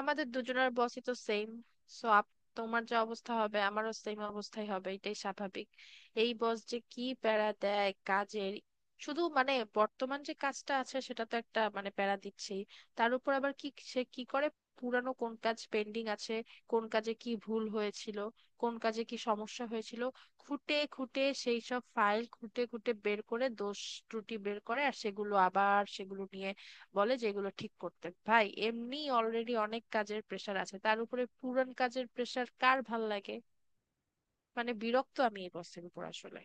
আমাদের দুজনের বসই তো সেম। সো আপ, তোমার যা অবস্থা হবে আমারও সেম অবস্থাই হবে, এটাই স্বাভাবিক। এই বস যে কি প্যারা দেয় কাজের! শুধু মানে, বর্তমান যে কাজটা আছে সেটা তো একটা মানে প্যারা দিচ্ছেই। তার উপর আবার কি সে কি করে, পুরানো কোন কাজ পেন্ডিং আছে, কোন কাজে কি ভুল হয়েছিল, কোন কাজে কি সমস্যা হয়েছিল, খুঁটে খুঁটে সেই সব ফাইল খুঁটে খুঁটে বের করে দোষ ত্রুটি বের করে, আর সেগুলো আবার সেগুলো নিয়ে বলে যে এগুলো ঠিক করতে। ভাই এমনি অলরেডি অনেক কাজের প্রেসার আছে, তার উপরে পুরান কাজের প্রেসার কার ভাল লাগে! মানে বিরক্ত আমি এই বসের উপর আসলে।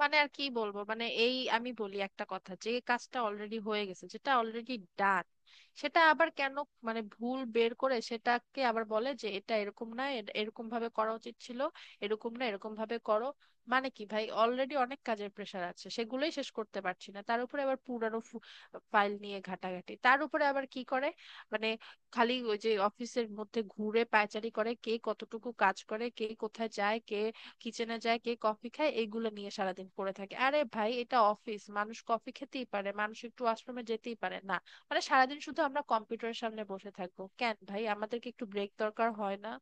মানে আর কি বলবো, মানে এই আমি বলি একটা কথা, যে কাজটা অলরেডি হয়ে গেছে, যেটা অলরেডি ডান, সেটা আবার কেন মানে ভুল বের করে সেটাকে আবার বলে যে এটা এরকম না, এরকম ভাবে করা উচিত ছিল, এরকম না এরকম ভাবে করো। মানে কি ভাই, অলরেডি অনেক কাজের প্রেশার আছে, সেগুলোই শেষ করতে পারছি না, তার উপরে আবার পুরানো ফাইল নিয়ে ঘাটাঘাটি। তার উপরে আবার কি করে মানে, খালি ওই যে অফিসের মধ্যে ঘুরে পায়চারি করে, কে কতটুকু কাজ করে, কে কোথায় যায়, কে কিচেনে যায়, কে কফি খায়, এগুলো নিয়ে সারাদিন পড়ে থাকে। আরে ভাই এটা অফিস, মানুষ কফি খেতেই পারে, মানুষ একটু ওয়াশরুমে যেতেই পারে না? মানে সারাদিন শুধু আমরা কম্পিউটারের সামনে বসে থাকবো কেন ভাই, আমাদেরকে একটু ব্রেক দরকার হয় না?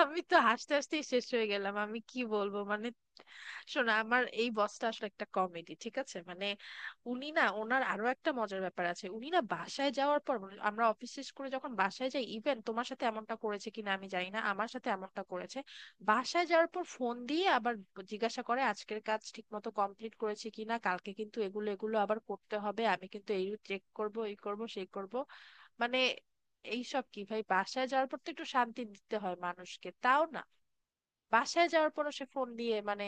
আমি তো হাসতে হাসতেই শেষ হয়ে গেলাম, আমি কি বলবো মানে। শোনো, আমার এই বসটা আসলে একটা কমেডি, ঠিক আছে মানে। উনি না, ওনার আরো একটা মজার ব্যাপার আছে। উনি না বাসায় যাওয়ার পর মানে, আমরা অফিস শেষ করে যখন বাসায় যাই, ইভেন তোমার সাথে এমনটা করেছে কিনা আমি জানি না, আমার সাথে এমনটা করেছে, বাসায় যাওয়ার পর ফোন দিয়ে আবার জিজ্ঞাসা করে আজকের কাজ ঠিক মতো কমপ্লিট করেছে কিনা, কালকে কিন্তু এগুলো এগুলো আবার করতে হবে, আমি কিন্তু এই চেক করব, এই করব, সেই করব। মানে এইসব কি ভাই, বাসায় যাওয়ার পর তো একটু শান্তি দিতে হয় মানুষকে, তাও না। বাসায় যাওয়ার পর সে ফোন দিয়ে মানে,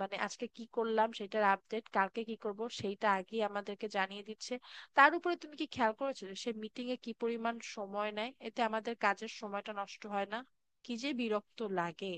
মানে আজকে কি করলাম সেটার আপডেট, কালকে কি করব সেইটা আগে আমাদেরকে জানিয়ে দিচ্ছে। তার উপরে তুমি কি খেয়াল করেছো যে সে মিটিং এ কি পরিমাণ সময় নেয়, এতে আমাদের কাজের সময়টা নষ্ট হয় না? কি যে বিরক্ত লাগে!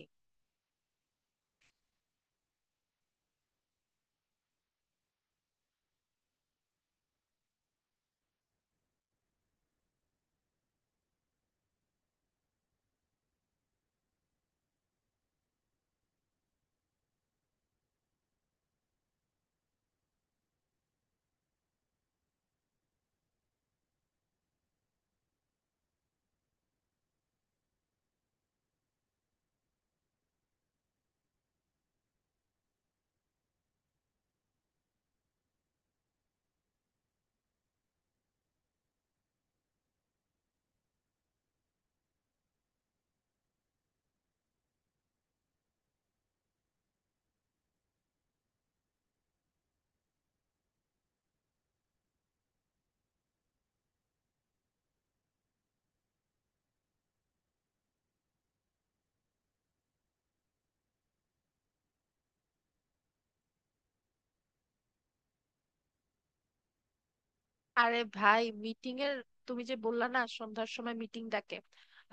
আরে ভাই মিটিং এর, তুমি যে বললা না সন্ধ্যার সময় মিটিং ডাকে,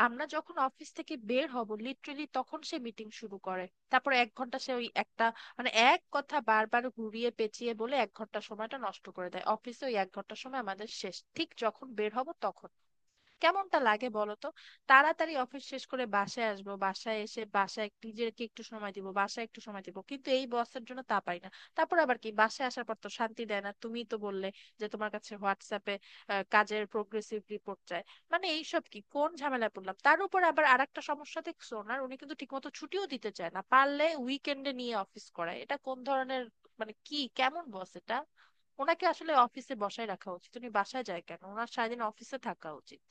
আমরা যখন অফিস থেকে বের হব লিটারেলি তখন সে মিটিং শুরু করে। তারপর এক ঘন্টা সে ওই একটা মানে এক কথা বারবার ঘুরিয়ে পেঁচিয়ে বলে, এক ঘন্টা সময়টা নষ্ট করে দেয় অফিসে, ওই এক ঘন্টা সময় আমাদের শেষ, ঠিক যখন বের হব তখন। কেমনটা লাগে বলো তো। তাড়াতাড়ি অফিস শেষ করে বাসায় আসবো, বাসায় এসে বাসায় নিজেকে একটু সময় দিব, বাসায় একটু সময় দিব, কিন্তু এই বসের জন্য তা পারি না। তারপর আবার কি, বাসায় আসার পর তো শান্তি দেয় না, তুমি তো বললে যে তোমার কাছে হোয়াটসঅ্যাপে কাজের প্রোগ্রেসিভ রিপোর্ট চায়। মানে এইসব কি, কোন ঝামেলায় পড়লাম। তার উপর আবার আরেকটা সমস্যা দেখছো ওনার, উনি কিন্তু ঠিকমতো ছুটিও দিতে চায় না, পারলে উইকেন্ডে নিয়ে অফিস করায়। এটা কোন ধরনের মানে, কি কেমন বস এটা! ওনাকে আসলে অফিসে বসায় রাখা উচিত, উনি বাসায় যায় কেন, ওনার সারাদিন অফিসে থাকা উচিত।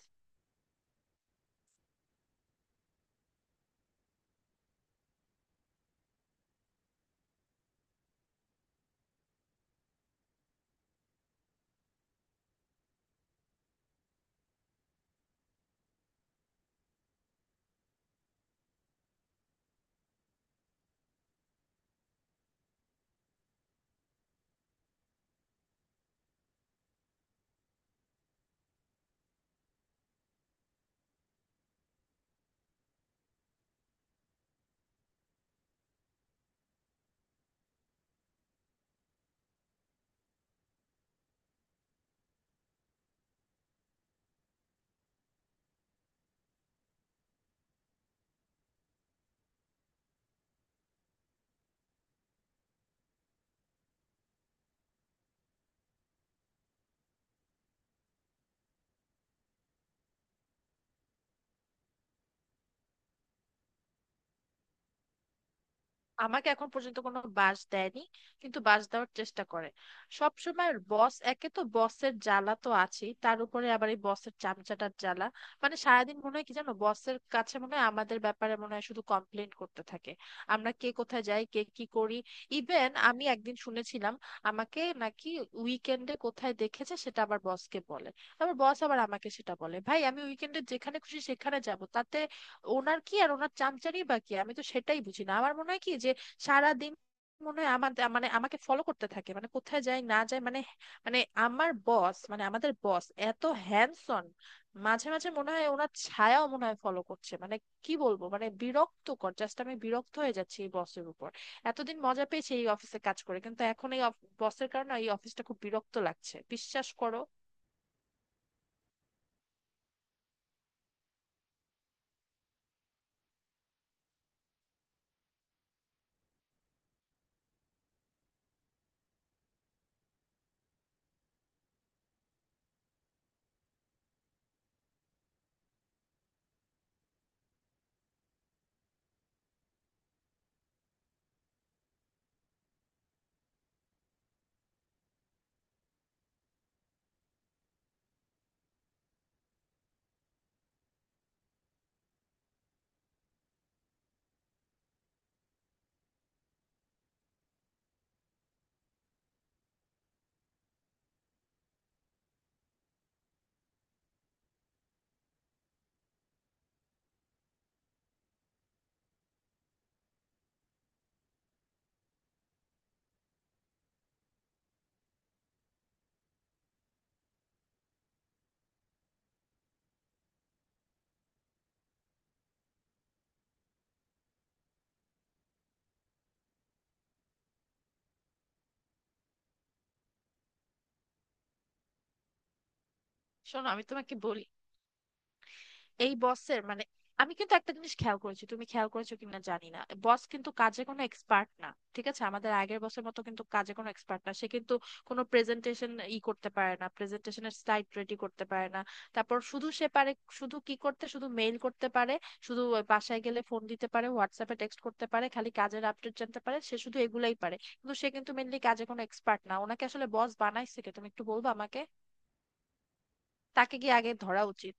আমাকে এখন পর্যন্ত কোনো বাস দেয়নি, কিন্তু বাস দেওয়ার চেষ্টা করে সব সময় বস। একে তো বসের জ্বালা তো আছেই, তার উপরে আবার এই বসের চামচাটার জ্বালা। মানে সারাদিন মনে হয় কি জানো, বসের কাছে মনে হয় আমাদের ব্যাপারে মনে হয় শুধু কমপ্লেন করতে থাকে। আমরা কে কোথায় যাই, কে কি করি। ইভেন আমি একদিন শুনেছিলাম আমাকে নাকি উইকেন্ডে কোথায় দেখেছে, সেটা আবার বসকে বলে, আবার বস আবার আমাকে সেটা বলে। ভাই আমি উইকেন্ডে যেখানে খুশি সেখানে যাব, তাতে ওনার কি, আর ওনার চামচারি বা কি, আমি তো সেটাই বুঝি না। আমার মনে হয় কি যে সারাদিন মনে হয় আমাদের মানে আমাকে ফলো করতে থাকে মানে, কোথায় যায় না যায় মানে, মানে আমার বস মানে আমাদের বস এত হ্যান্ডসন, মাঝে মাঝে মনে হয় ওনার ছায়াও মনে হয় ফলো করছে মানে। কি বলবো মানে, বিরক্তকর, জাস্ট আমি বিরক্ত হয়ে যাচ্ছি এই বসের উপর। এতদিন মজা পেয়েছি এই অফিসে কাজ করে, কিন্তু এখন এই বসের কারণে এই অফিসটা খুব বিরক্ত লাগছে, বিশ্বাস করো। শোনো আমি তোমাকে বলি, এই বসের মানে, আমি কিন্তু একটা জিনিস খেয়াল করেছি, তুমি খেয়াল করেছো কিনা জানি না, বস কিন্তু কাজে কোনো এক্সপার্ট না, ঠিক আছে, আমাদের আগের বসের মতো কিন্তু কাজে কোনো এক্সপার্ট না সে। কিন্তু কোনো প্রেজেন্টেশন ই করতে পারে না, প্রেজেন্টেশনের স্লাইড রেডি করতে পারে না। তারপর শুধু সে পারে, শুধু কি করতে, শুধু মেইল করতে পারে, শুধু ওই বাসায় গেলে ফোন দিতে পারে, হোয়াটসঅ্যাপে টেক্সট করতে পারে, খালি কাজের আপডেট জানতে পারে, সে শুধু এগুলাই পারে, কিন্তু সে কিন্তু মেনলি কাজে কোনো এক্সপার্ট না। ওনাকে আসলে বস বানাইছে কে, তুমি একটু বলবা আমাকে, তাকে গিয়ে আগে ধরা উচিত।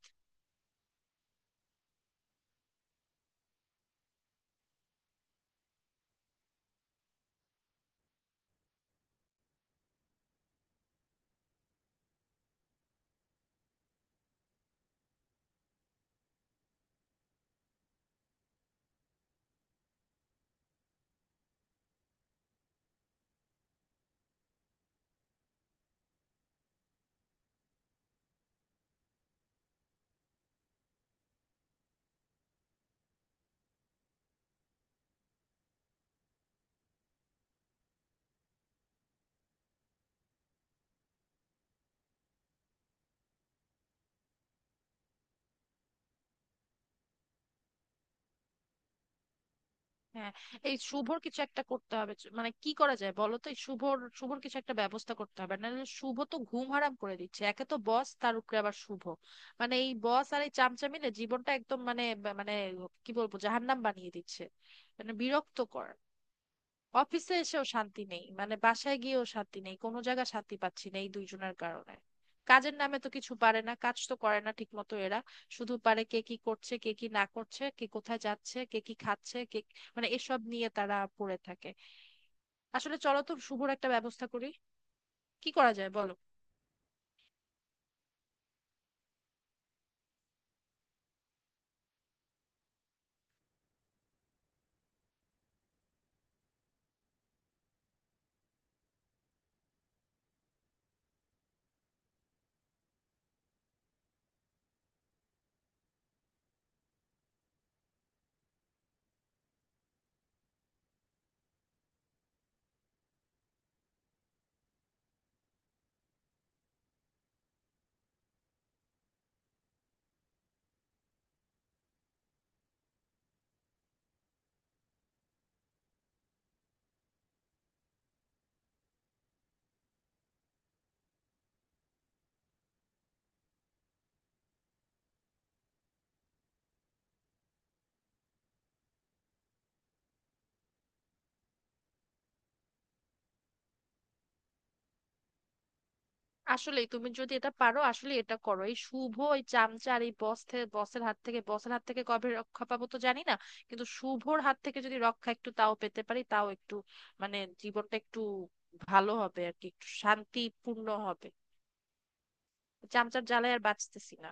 হ্যাঁ, এই শুভর কিছু একটা করতে হবে, মানে কি করা যায় বলো তো, এই শুভর শুভর কিছু একটা ব্যবস্থা করতে হবে, নাহলে শুভ তো ঘুম হারাম করে দিচ্ছে, একে তো বস তার উপরে আবার শুভ। মানে এই বস আর এই চামচা মিলে জীবনটা একদম মানে মানে কি বলবো, জাহান্নাম বানিয়ে দিচ্ছে। মানে বিরক্তকর, অফিসে এসেও শান্তি নেই, মানে বাসায় গিয়েও শান্তি নেই, কোনো জায়গা শান্তি পাচ্ছি না এই দুইজনের কারণে। কাজের নামে তো কিছু পারে না, কাজ তো করে না ঠিক মতো এরা। শুধু পারে কে কি করছে, কে কি না করছে, কে কোথায় যাচ্ছে, কে কি খাচ্ছে কে, মানে এসব নিয়ে তারা পড়ে থাকে। আসলে চলো তো শুভর একটা ব্যবস্থা করি, কি করা যায় বলো। আসলে তুমি যদি এটা পারো, আসলে এটা করো, এই শুভ ওই চামচা আর এই বস থেকে, বসের হাত থেকে কবে রক্ষা পাবো তো জানি না, কিন্তু শুভর হাত থেকে যদি রক্ষা একটু তাও পেতে পারি, তাও একটু মানে জীবনটা একটু ভালো হবে আর কি, একটু শান্তিপূর্ণ হবে। চামচার জ্বালায় আর বাঁচতেছি না।